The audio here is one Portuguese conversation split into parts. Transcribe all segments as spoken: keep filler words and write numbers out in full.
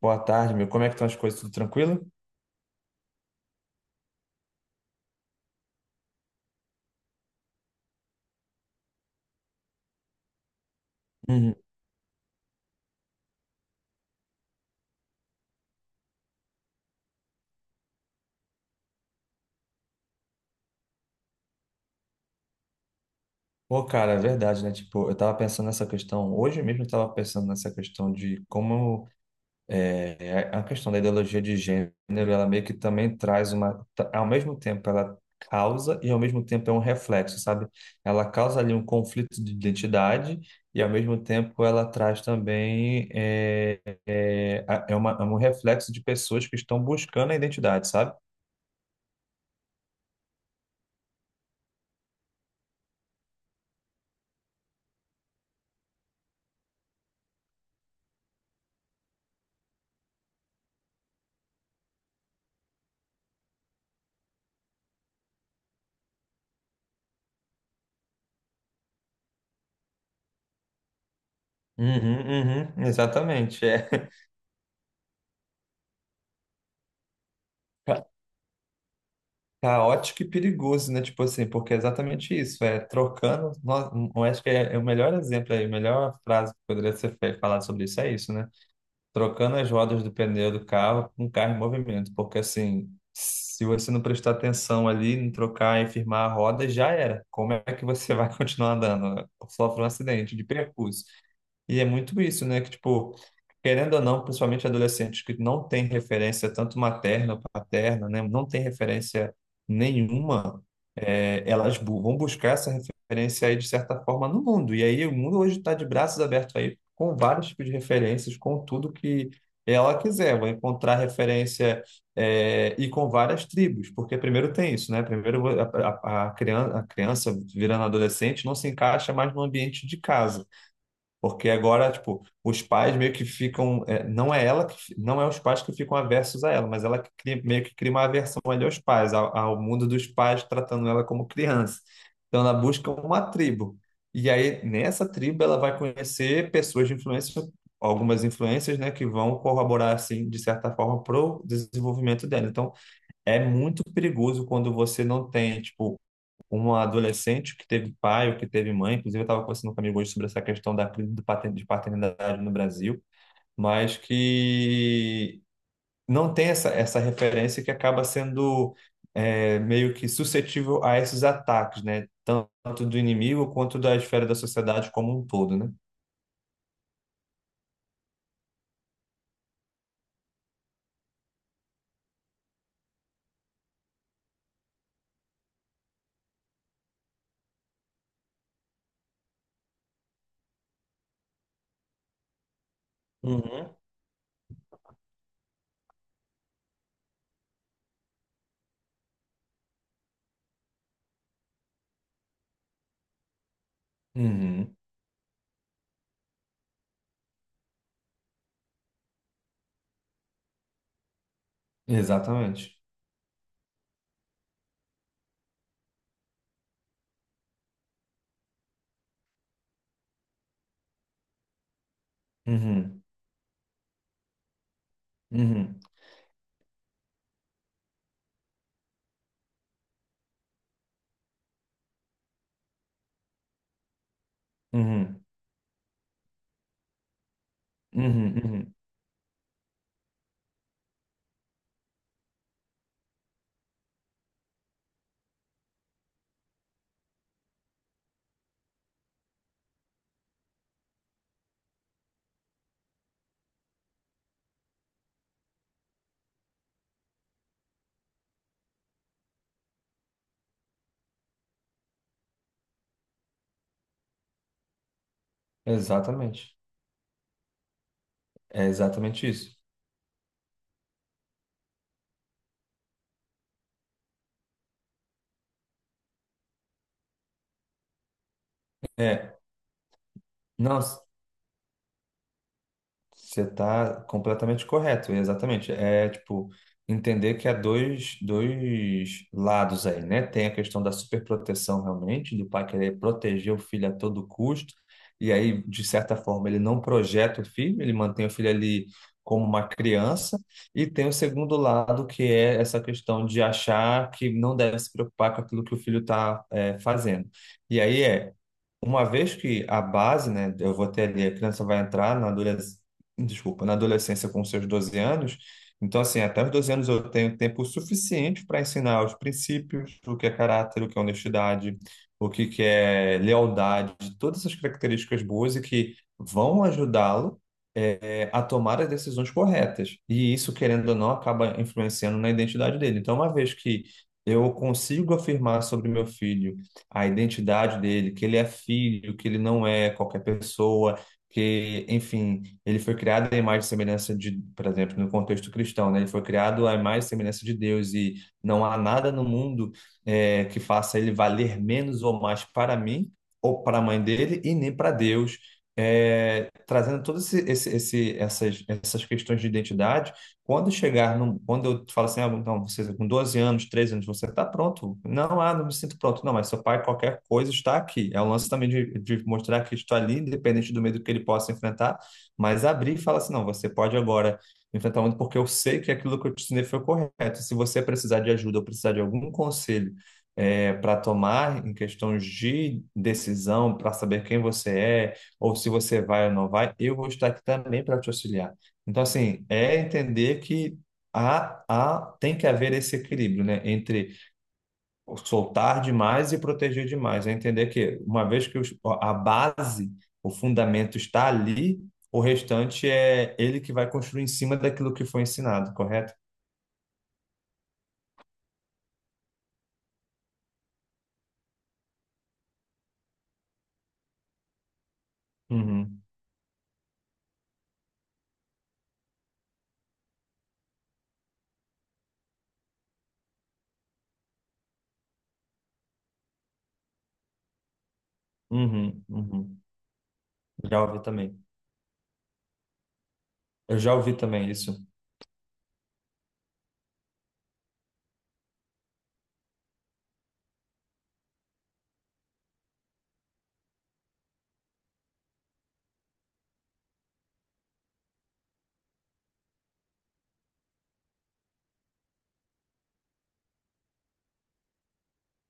Boa tarde, meu. Como é que estão as coisas? Tudo tranquilo? Uhum. Pô, cara, é verdade, né? Tipo, eu tava pensando nessa questão. Hoje mesmo eu tava pensando nessa questão de como é, a questão da ideologia de gênero, ela meio que também traz uma, ta- ao mesmo tempo ela causa e ao mesmo tempo é um reflexo, sabe? Ela causa ali um conflito de identidade e ao mesmo tempo ela traz também, é, é, a- é uma, é um reflexo de pessoas que estão buscando a identidade, sabe? Uhum, uhum, exatamente, é. Caótico e perigoso, né? Tipo assim, porque é exatamente isso, é trocando. nó- Eu acho que é, é o melhor exemplo aí, a melhor frase que poderia ser fe- falada sobre isso é isso, né? Trocando as rodas do pneu do carro com o carro em movimento, porque assim, se você não prestar atenção ali, não trocar e firmar a roda, já era. Como é que você vai continuar andando? Sofre um acidente de percurso. E é muito isso, né? Que, tipo, querendo ou não, principalmente adolescentes que não têm referência tanto materna ou paterna, né? Não tem referência nenhuma, é, elas bu- vão buscar essa referência aí de certa forma no mundo. E aí o mundo hoje está de braços abertos aí com vários tipos de referências, com tudo que ela quiser. Vai encontrar referência é, e com várias tribos, porque primeiro tem isso, né? Primeiro a, a, a criança, a criança virando adolescente não se encaixa mais no ambiente de casa. Porque agora, tipo, os pais meio que ficam. É, não é ela que. fi- Não é os pais que ficam aversos a ela, mas ela que cria- meio que cria uma aversão ali aos pais, ao, ao mundo dos pais, tratando ela como criança. Então ela busca uma tribo. E aí, nessa tribo, ela vai conhecer pessoas de influência, algumas influências, né, que vão corroborar, assim, de certa forma, para o desenvolvimento dela. Então, é muito perigoso quando você não tem, tipo, uma adolescente que teve pai ou que teve mãe. Inclusive, eu estava conversando com um amigo hoje sobre essa questão da crise do pater- de paternidade no Brasil, mas que não tem essa, essa referência, que acaba sendo é, meio que suscetível a esses ataques, né? Tanto do inimigo quanto da esfera da sociedade como um todo, né? Uhum. Uhum, exatamente. Uhum, uhum, uhum, uhum, uhum, exatamente. É exatamente isso. É, não. Você tá completamente correto, exatamente. É tipo entender que há dois, dois lados aí, né? Tem a questão da superproteção realmente, do pai querer proteger o filho a todo custo, e aí, de certa forma, ele não projeta o filho, ele mantém o filho ali como uma criança. E tem o segundo lado, que é essa questão de achar que não deve se preocupar com aquilo que o filho está fazendo. E aí é. Uma vez que a base, né, eu vou ter ali, a criança vai entrar na, desculpa, na adolescência com seus doze anos. Então, assim, até os doze anos eu tenho tempo suficiente para ensinar os princípios, o que é caráter, o que é honestidade, o que que é lealdade, todas essas características boas e que vão ajudá-lo eh, a tomar as decisões corretas. E isso, querendo ou não, acaba influenciando na identidade dele. Então, uma vez que eu consigo afirmar sobre meu filho a identidade dele, que ele é filho, que ele não é qualquer pessoa, que, enfim, ele foi criado à imagem e semelhança de, por exemplo, no contexto cristão, né? Ele foi criado à imagem e semelhança de Deus, e não há nada no mundo eh, que faça ele valer menos ou mais para mim ou para a mãe dele e nem para Deus. Eh, trazendo todas esse, esse, essas, essas questões de identidade, quando chegar, num, quando eu falo assim, ah, não, você com doze anos, treze anos, você está pronto? Não, ah, não me sinto pronto. Não, mas seu pai, qualquer coisa, está aqui. É o lance também de, de mostrar que está ali, independente do medo que ele possa enfrentar, mas abrir e falar assim, não, você pode agora enfrentar o mundo porque eu sei que aquilo que eu te ensinei foi correto. Se você precisar de ajuda ou precisar de algum conselho é, para tomar em questões de decisão, para saber quem você é, ou se você vai ou não vai, eu vou estar aqui também para te auxiliar. Então, assim, é entender que há, há, tem que haver esse equilíbrio, né, entre soltar demais e proteger demais. É entender que, uma vez que os- a base, o fundamento está ali, o restante é ele que vai construir em cima daquilo que foi ensinado, correto? Uhum, uhum, uhum. Já ouvi também. Eu já ouvi também isso.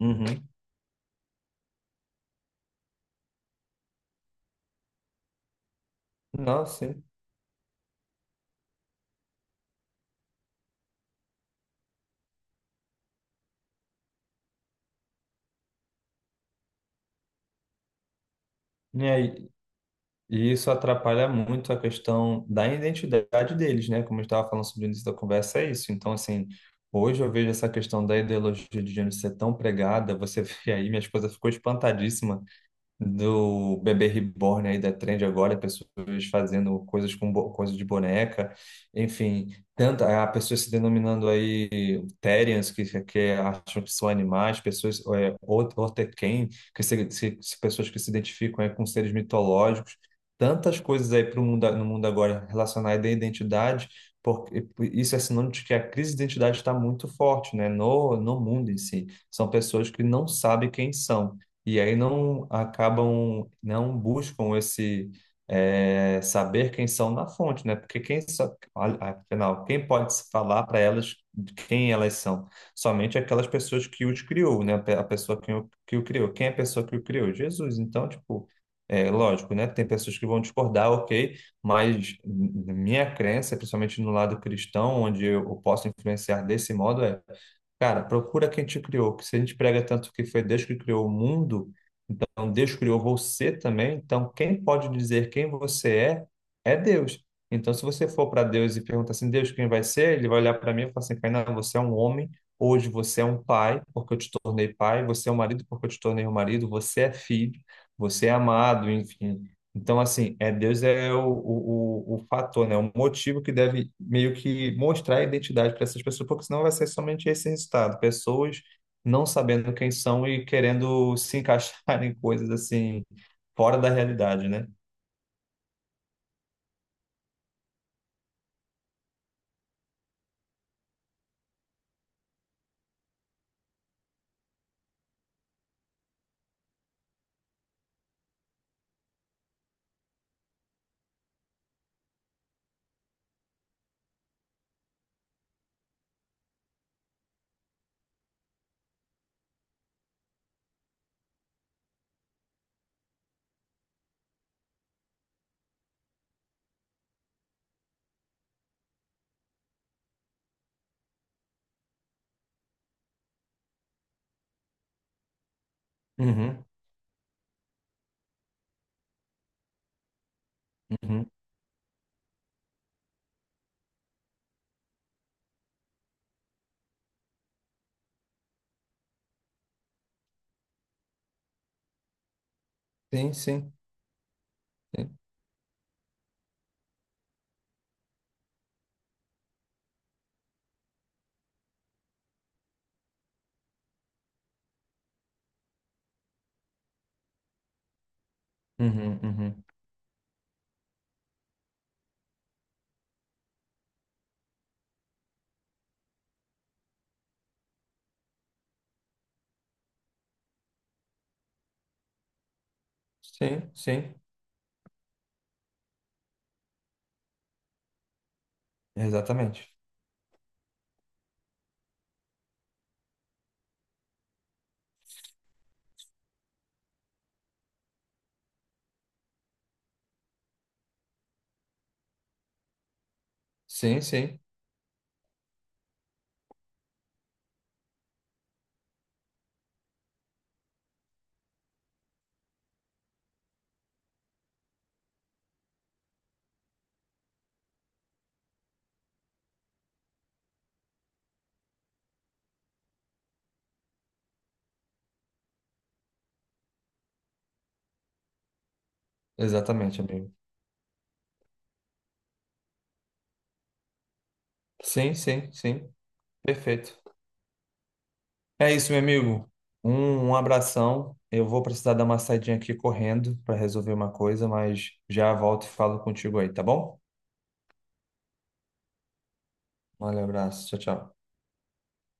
Uhum. Nossa, sim. E aí, E isso atrapalha muito a questão da identidade deles, né? Como eu estava falando sobre o início da conversa, é isso. Então, assim, hoje eu vejo essa questão da ideologia de gênero ser tão pregada. Você vê aí, minha esposa ficou espantadíssima do bebê reborn aí da trend agora, pessoas fazendo coisas com bo- coisa de boneca, enfim, tanta a pessoas se denominando aí Therians, que, que acham que são animais, pessoas é, Ot- Otequém, que se, se- se- pessoas que se identificam aí com seres mitológicos, tantas coisas aí pro mundo, no mundo agora relacionadas à identidade, porque isso é sinônimo de que a crise de identidade está muito forte, né, no, no mundo em si. São pessoas que não sabem quem são e aí não acabam, não buscam esse é, saber quem são na fonte, né? Porque quem só, a- afinal, quem pode falar para elas de quem elas são? Somente aquelas pessoas que os criou, né? A pessoa que o, que o criou. Quem é a pessoa que o criou? Jesus. Então, tipo, é lógico, né? Tem pessoas que vão discordar, ok, mas n- minha crença, principalmente no lado cristão, onde eu posso influenciar desse modo, é cara, procura quem te criou, porque se a gente prega tanto que foi Deus que criou o mundo, então Deus criou você também, então quem pode dizer quem você é, é Deus. Então, se você for para Deus e perguntar assim, Deus, quem vai ser? Ele vai olhar para mim e falar assim, Kainan, você é um homem, hoje você é um pai, porque eu te tornei pai, você é um marido, porque eu te tornei um marido, você é filho, você é amado, enfim. Então, assim, é Deus é o, o, o, o fator, né? O motivo que deve meio que mostrar a identidade para essas pessoas, porque senão vai ser somente esse resultado. Pessoas não sabendo quem são e querendo se encaixar em coisas assim, fora da realidade, né? Uhum, uhum. Sim, sim. Sim, uhum, uhum. Sim, sim. Exatamente. Sim, sim. Exatamente, amigo. Sim, sim, sim. Perfeito. É isso, meu amigo. Um, um abração. Eu vou precisar dar uma saidinha aqui correndo para resolver uma coisa, mas já volto e falo contigo aí, tá bom? Valeu, abraço. Tchau, tchau.